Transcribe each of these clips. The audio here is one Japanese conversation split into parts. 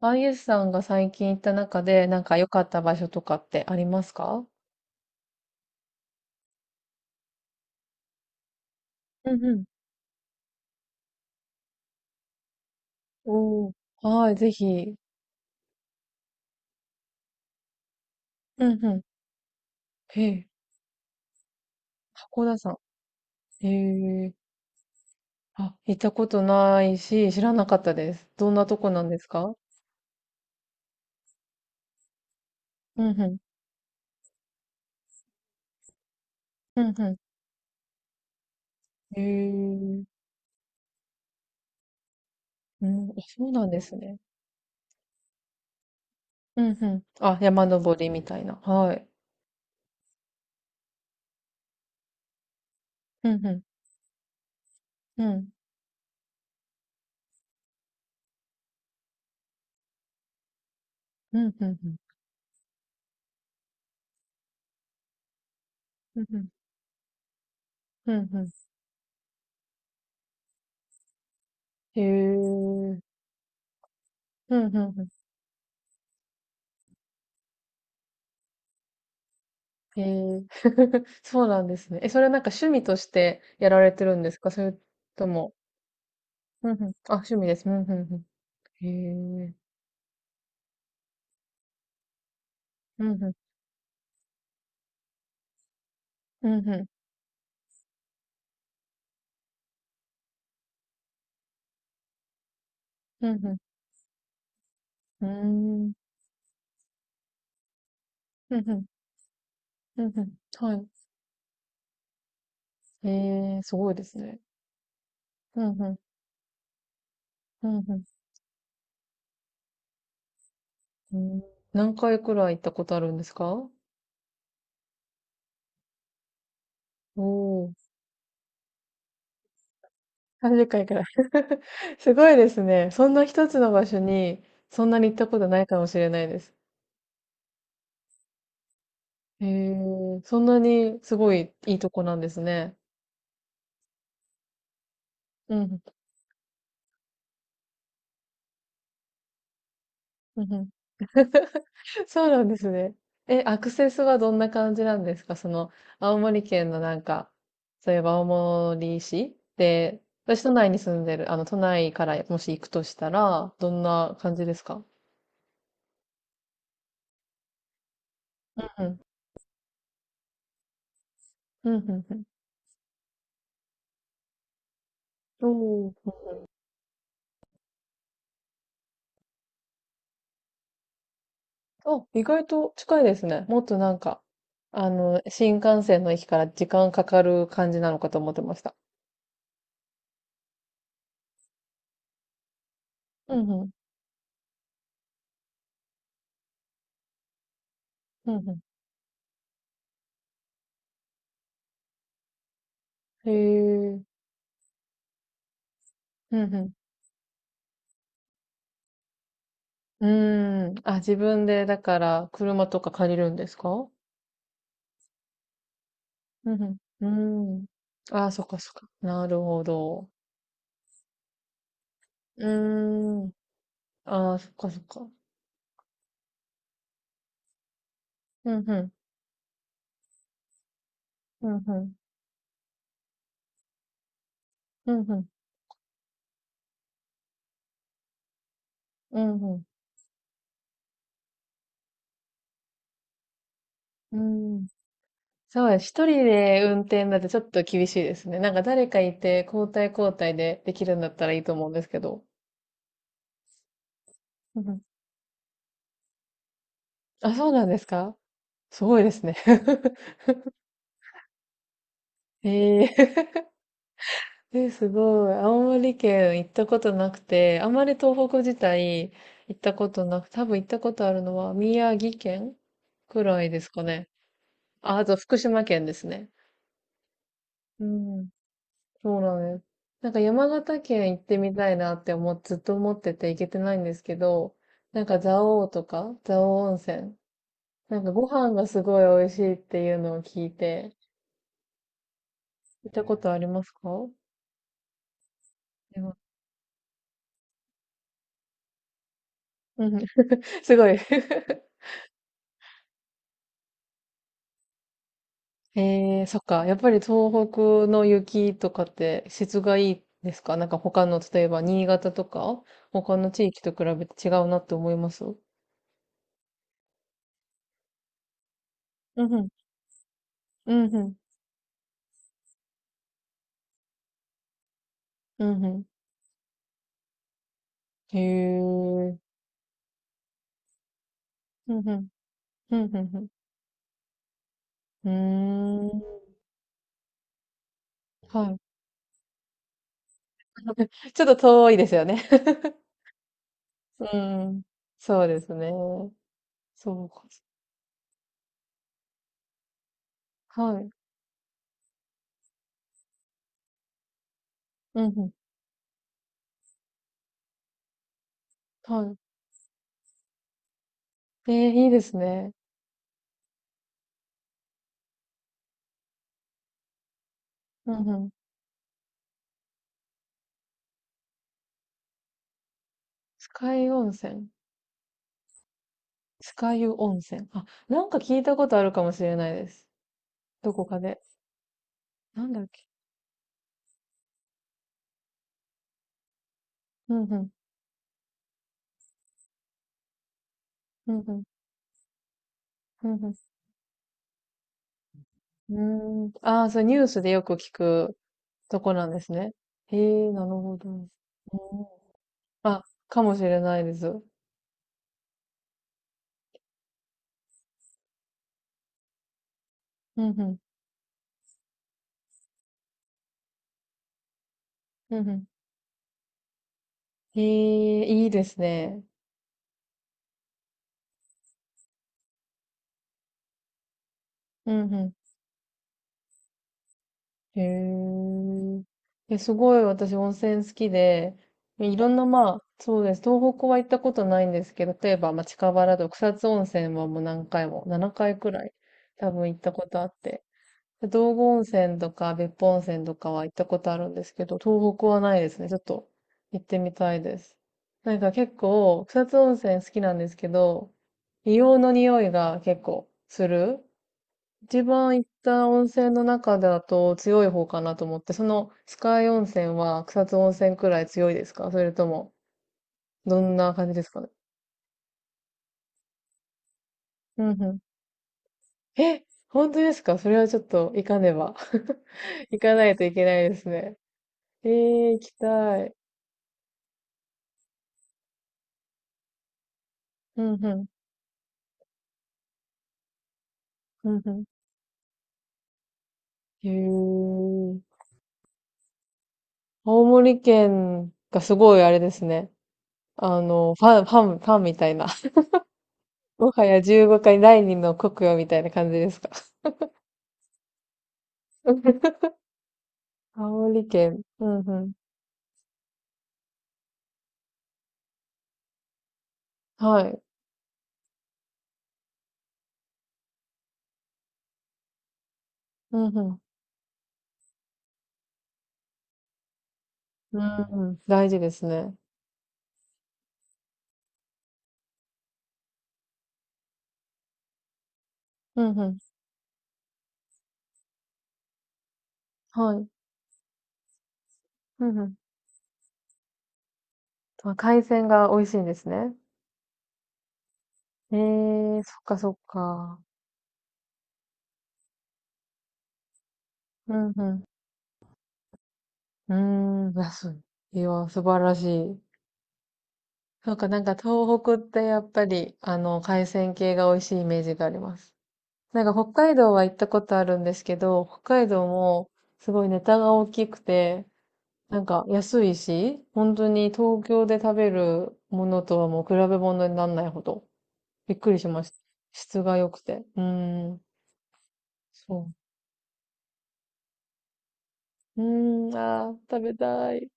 あゆさんが最近行った中で、なんか良かった場所とかってありますか？うんうん。おー。はい、ぜひ。うんうん。へえ、箱田さん。へえ。あ、行ったことないし、知らなかったです。どんなとこなんですか？うんううんうん。ん。へえ。うん、あ、そうなんですね。うんうん。あ、山登りみたいな。はい。うんうん。うん。うんうんうん。うんうん。うんうん。へえ。うんうんうん。へえ、そうなんですね。え、それはなんか趣味としてやられてるんですか？それとも。うんうん。あ、趣味です。うんうんうん。へえ。うんうん。うんうん。うんうん。うーん。うんうん。うんうん。はい。へえ、すごいですね。うんうん。うんうん。うん、何回くらい行ったことあるんですか？おお、30回くらい。すごいですね。そんな一つの場所に、そんなに行ったことないかもしれないです。へえ、そんなにすごいいいとこなんですね。うん、うんうん そうなんですね。え、アクセスはどんな感じなんですか？その、青森県のなんか、そういえば青森市で、私都内に住んでる、都内からもし行くとしたら、どんな感じですか？うん。うん、うん、うん。おー。あ、意外と近いですね。もっとなんか、新幹線の駅から時間かかる感じなのかと思ってました。うん、うん、うん、うん。へえ。うん、うん、うーん。あ、自分で、だから、車とか借りるんですか？うんうん。うーん。ああ、そっかそっか。なるほど。うーん。ああ、そっかそっか。うんうん。うんうん。うんうん。うんうん。うーん。そうです。一人で運転だってちょっと厳しいですね。なんか誰かいて交代交代でできるんだったらいいと思うんですけど。うんうん。あ、そうなんですか？すごいですね。えええ、すごい。青森県行ったことなくて、あまり東北自体行ったことなく、多分行ったことあるのは宮城県くらいですかね。あ、あと福島県ですね。うん。そうなんです。なんか山形県行ってみたいなって思っ、ずっと思ってて行けてないんですけど、なんか蔵王とか、蔵王温泉。なんかご飯がすごい美味しいっていうのを聞いて、行ったことありますか？でも、うん。すごい。えー、そっか。やっぱり東北の雪とかって質がいいですか？なんか他の、例えば新潟とか、他の地域と比べて違うなって思います？うん、うん。うんうん。うんうん。へえ。うんうん。うんうんうん。うーん。はい。ちょっと遠いですよね。うん。そうですね。そうか。はい。うんうん。はい。えー、いいですね。うんうん。酸ヶ湯温泉。酸ヶ湯温泉。あ、なんか聞いたことあるかもしれないです。どこかで。なんだっけ。うんうん。うんうん。うんうん。うーん。ああ、そう、ニュースでよく聞くとこなんですね。へえ、なるほど。うん、あ、かもしれないです。うん、うんうん。うん。へえ、いいですね。うんうん。へえ。え、すごい私温泉好きで、いろんなまあ、そうです。東北は行ったことないんですけど、例えば、まあ、近場だと草津温泉はもう何回も、7回くらい多分行ったことあって。で、道後温泉とか別府温泉とかは行ったことあるんですけど、東北はないですね。ちょっと行ってみたいです。なんか結構、草津温泉好きなんですけど、硫黄の匂いが結構する一番行った温泉の中だと強い方かなと思って、そのスカイ温泉は草津温泉くらい強いですか？それとも、どんな感じですかね？うんうん。え、本当ですか？それはちょっと行かねば。行かないといけないですね。えー、行きたい。うんうん。うんうん。へー。青森県がすごいあれですね。ファン、ファン、ファンみたいな。もはや15回第2の国よみたいな感じですか？香り券。うんうん。はい。うんうん。うんうん。大事ですね。うんうん。はい。うんうん。まあ、海鮮が美味しいんですね。ええ、そっかそっか。うんうん。うーん、安い。いや、素晴らしい。そうか、なんか東北ってやっぱり、海鮮系が美味しいイメージがあります。なんか北海道は行ったことあるんですけど、北海道もすごいネタが大きくて、なんか安いし、本当に東京で食べるものとはもう比べ物にならないほど、びっくりしました。質が良くて。うーん、そう。うーん、あー、食べたい。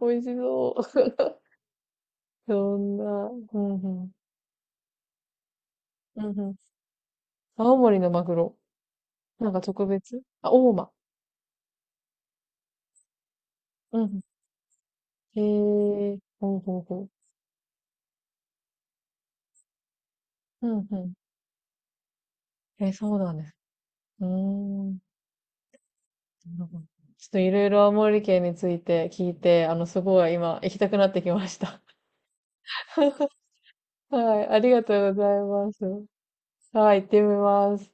美味しそう。そんな、うんうん、うんうん。青森のマグロ。なんか特別、あ、大間。うんうん。へえ、ほうほうほう。うんうん。え、そうなんです。うーん。なるほど。ちょっといろいろ青森県について聞いて、すごい今行きたくなってきました。はい、ありがとうございます。はい、行ってみます。